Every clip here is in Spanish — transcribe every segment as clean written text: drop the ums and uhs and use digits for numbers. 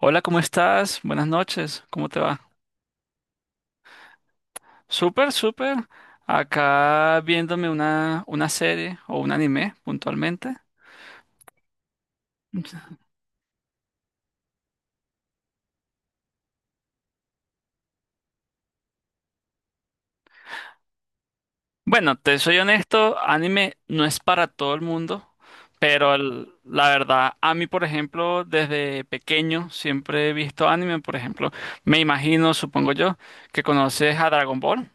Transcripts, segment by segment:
Hola, ¿cómo estás? Buenas noches, ¿cómo te va? Súper, súper. Acá viéndome una serie o un anime puntualmente. Bueno, te soy honesto, anime no es para todo el mundo, pero la verdad, a mí, por ejemplo, desde pequeño siempre he visto anime, por ejemplo, me imagino, supongo yo, que conoces a Dragon Ball.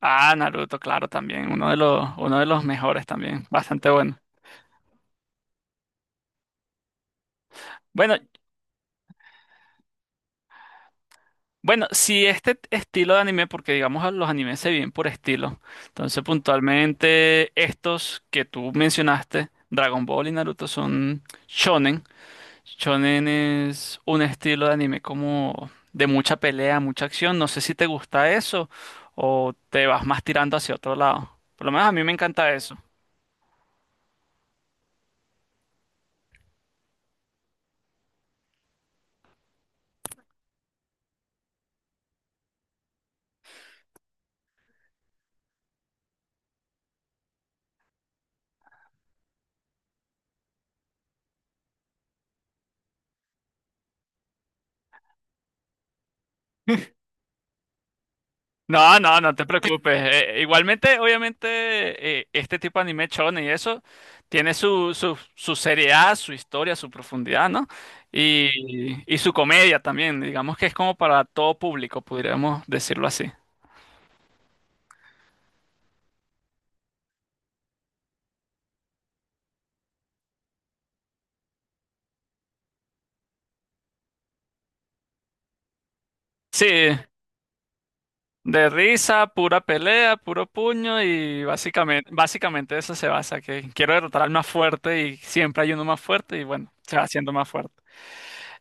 Ah, Naruto, claro, también, uno de los mejores también, bastante bueno. Bueno, Bueno, si este estilo de anime, porque digamos los animes se vienen por estilo, entonces puntualmente estos que tú mencionaste, Dragon Ball y Naruto, son shonen. Shonen es un estilo de anime como de mucha pelea, mucha acción. No sé si te gusta eso o te vas más tirando hacia otro lado. Por lo menos a mí me encanta eso. No, no, no te preocupes. Igualmente, obviamente, este tipo de anime shonen y eso tiene su seriedad, su historia, su profundidad, ¿no? Y su comedia también. Digamos que es como para todo público, podríamos decirlo así. Sí, de risa, pura pelea, puro puño y básicamente eso se basa, que quiero derrotar al más fuerte y siempre hay uno más fuerte y bueno, se va haciendo más fuerte.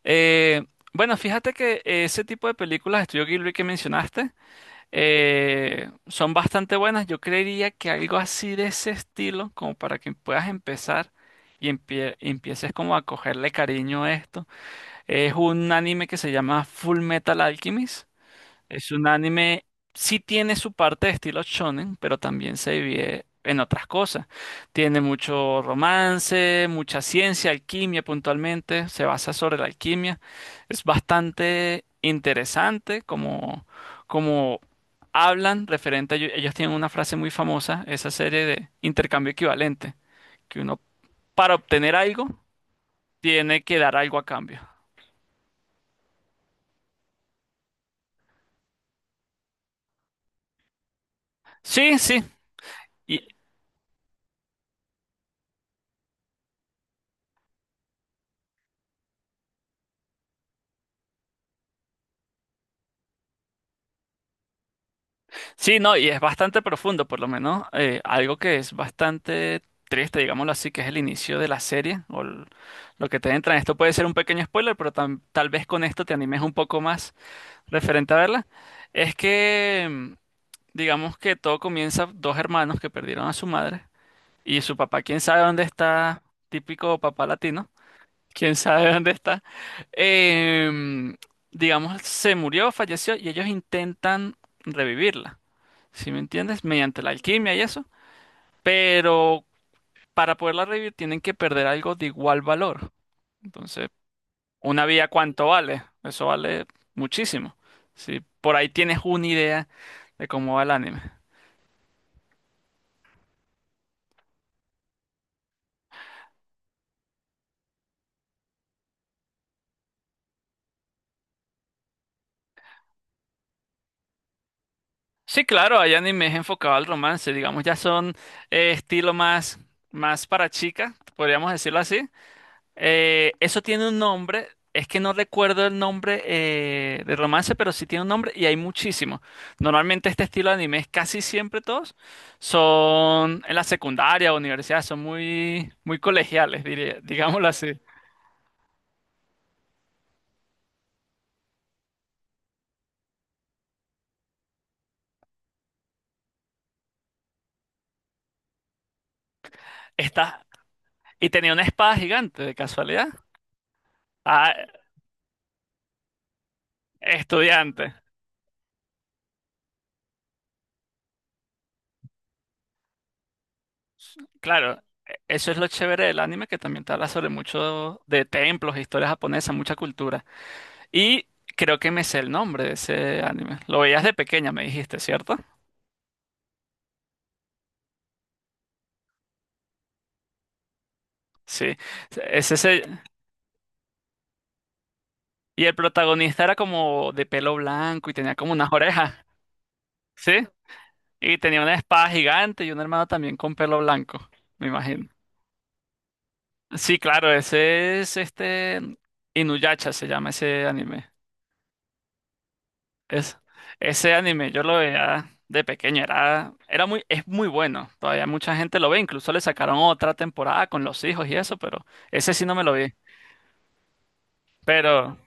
Eh, bueno, fíjate que ese tipo de películas, de Estudio Ghibli que mencionaste, son bastante buenas. Yo creería que algo así de ese estilo, como para que puedas empezar y empieces como a cogerle cariño a esto, es un anime que se llama Full Metal Alchemist. Es un anime, sí tiene su parte de estilo shonen, pero también se divide en otras cosas. Tiene mucho romance, mucha ciencia, alquimia puntualmente, se basa sobre la alquimia. Es bastante interesante como hablan referente a ello. Ellos tienen una frase muy famosa, esa serie de intercambio equivalente, que uno para obtener algo tiene que dar algo a cambio. Sí, sí. Y Sí, no, y es bastante profundo, por lo menos algo que es bastante triste, digámoslo así, que es el inicio de la serie o lo que te entra. Esto puede ser un pequeño spoiler, pero tal vez con esto te animes un poco más referente a verla. Es que, digamos que todo comienza dos hermanos que perdieron a su madre y su papá, quién sabe dónde está, típico papá latino, quién sabe dónde está. Em, digamos, se murió, falleció y ellos intentan revivirla, ¿si me entiendes? Mediante la alquimia y eso. Pero para poderla revivir tienen que perder algo de igual valor. Entonces, ¿una vida cuánto vale? Eso vale muchísimo. Si por ahí tienes una idea de cómo va el anime. Sí, claro, hay animes enfocados al romance, digamos, ya son estilo más para chicas, podríamos decirlo así. Eso tiene un nombre, es que no recuerdo el nombre de romance, pero sí tiene un nombre y hay muchísimos. Normalmente este estilo de animes, casi siempre todos, son en la secundaria o universidad, son muy, muy colegiales, diría, digámoslo así. Está, y tenía una espada gigante, de casualidad. Ah, estudiante. Claro, eso es lo chévere del anime, que también te habla sobre mucho de templos, historias japonesas, mucha cultura. Y creo que me sé el nombre de ese anime. Lo veías de pequeña, me dijiste, ¿cierto? Sí. Es ese. Y el protagonista era como de pelo blanco y tenía como unas orejas, ¿sí? Y tenía una espada gigante y un hermano también con pelo blanco, me imagino. Sí, claro, ese es este. Inuyasha se llama ese anime. Es, Ese anime yo lo veía de pequeño, es muy bueno. Todavía mucha gente lo ve, incluso le sacaron otra temporada con los hijos y eso, pero ese sí no me lo vi. Pero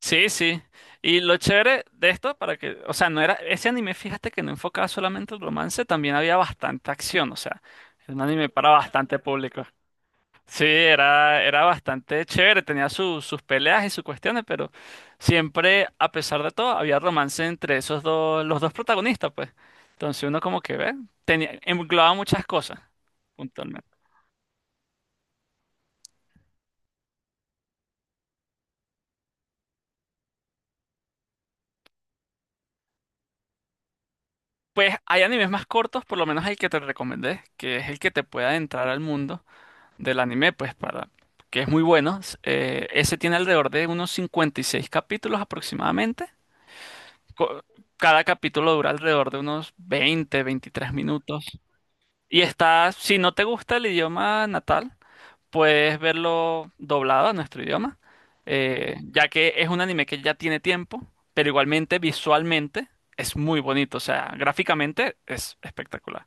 sí, sí. Y lo chévere de esto, para que, o sea, no era, ese anime, fíjate que no enfocaba solamente el romance, también había bastante acción, o sea, era un anime para bastante público. Sí, era bastante chévere, tenía sus peleas y sus cuestiones, pero siempre, a pesar de todo, había romance entre esos dos, los dos protagonistas, pues. Entonces uno como que ve, tenía, englobaba muchas cosas, puntualmente. Pues hay animes más cortos, por lo menos el que te recomendé, que es el que te pueda entrar al mundo del anime, pues para que es muy bueno. Ese tiene alrededor de unos 56 capítulos aproximadamente. Co- Cada capítulo dura alrededor de unos 20 23 minutos. Y está, si no te gusta el idioma natal, puedes verlo doblado a nuestro idioma, ya que es un anime que ya tiene tiempo, pero igualmente visualmente es muy bonito, o sea, gráficamente es espectacular.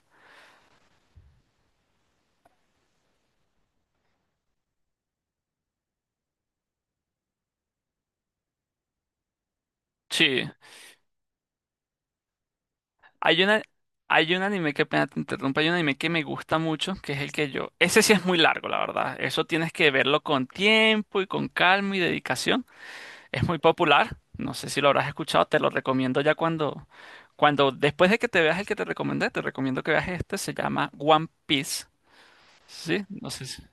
Sí. Hay una, Hay un anime, que pena te interrumpa, hay un anime que me gusta mucho, que es el que yo. Ese sí es muy largo, la verdad. Eso tienes que verlo con tiempo y con calma y dedicación. Es muy popular. No sé si lo habrás escuchado, te lo recomiendo ya cuando, después de que te veas el que te recomendé, te recomiendo que veas este, se llama One Piece. ¿Sí? No sé si.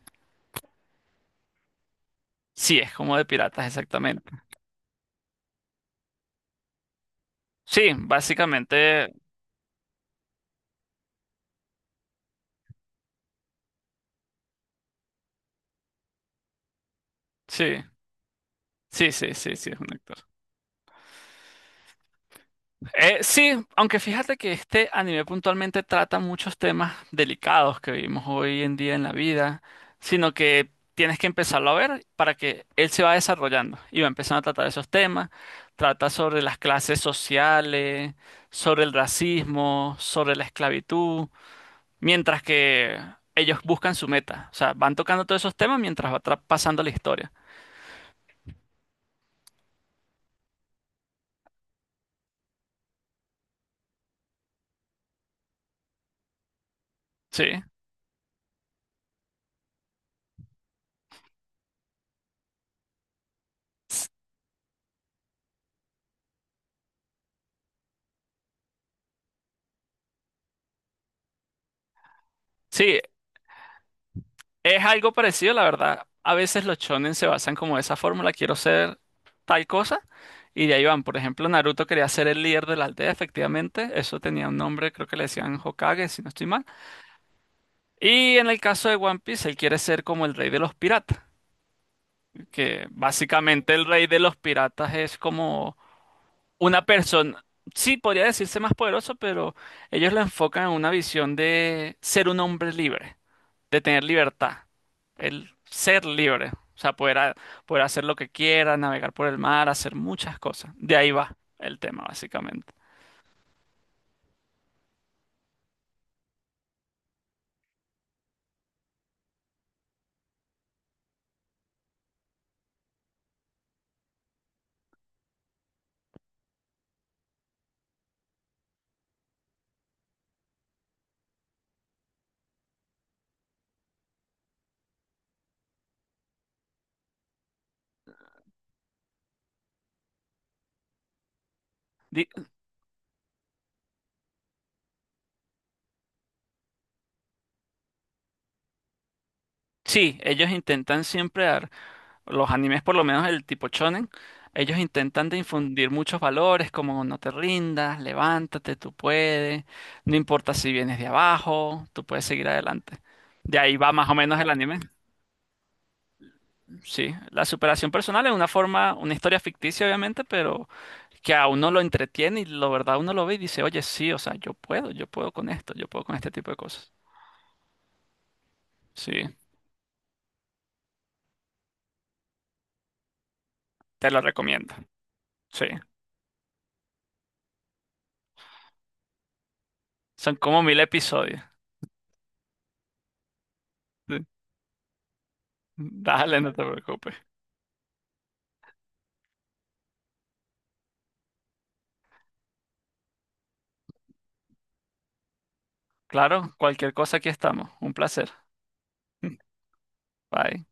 Sí, es como de piratas, exactamente. Sí, básicamente, sí, sí, sí, sí, sí, es un actor. Sí, aunque fíjate que este anime puntualmente trata muchos temas delicados que vivimos hoy en día en la vida, sino que tienes que empezarlo a ver para que él se va desarrollando y va empezando a tratar esos temas, trata sobre las clases sociales, sobre el racismo, sobre la esclavitud, mientras que ellos buscan su meta, o sea, van tocando todos esos temas mientras va pasando la historia. Sí. S- Sí, es algo parecido, la verdad. A veces los shonen se basan como esa fórmula, quiero ser tal cosa, y de ahí van. Por ejemplo, Naruto quería ser el líder de la aldea, efectivamente. Eso tenía un nombre, creo que le decían Hokage, si no estoy mal. Y en el caso de One Piece, él quiere ser como el rey de los piratas, que básicamente el rey de los piratas es como una persona, sí, podría decirse más poderoso, pero ellos lo enfocan en una visión de ser un hombre libre. De tener libertad, el ser libre, o sea, poder, poder hacer lo que quiera, navegar por el mar, hacer muchas cosas. De ahí va el tema, básicamente. Di- sí, ellos intentan siempre dar, los animes por lo menos el tipo shonen, ellos intentan de infundir muchos valores como no te rindas, levántate, tú puedes, no importa si vienes de abajo, tú puedes seguir adelante. De ahí va más o menos el anime. Sí, la superación personal es una forma, una historia ficticia obviamente, pero que a uno lo entretiene y la verdad uno lo ve y dice, oye, sí, o sea, yo puedo con esto, yo puedo con este tipo de cosas. Sí, te lo recomiendo. Sí, son como 1.000 episodios. Sí. Dale, no te preocupes. Claro, cualquier cosa aquí estamos. Un placer. Bye.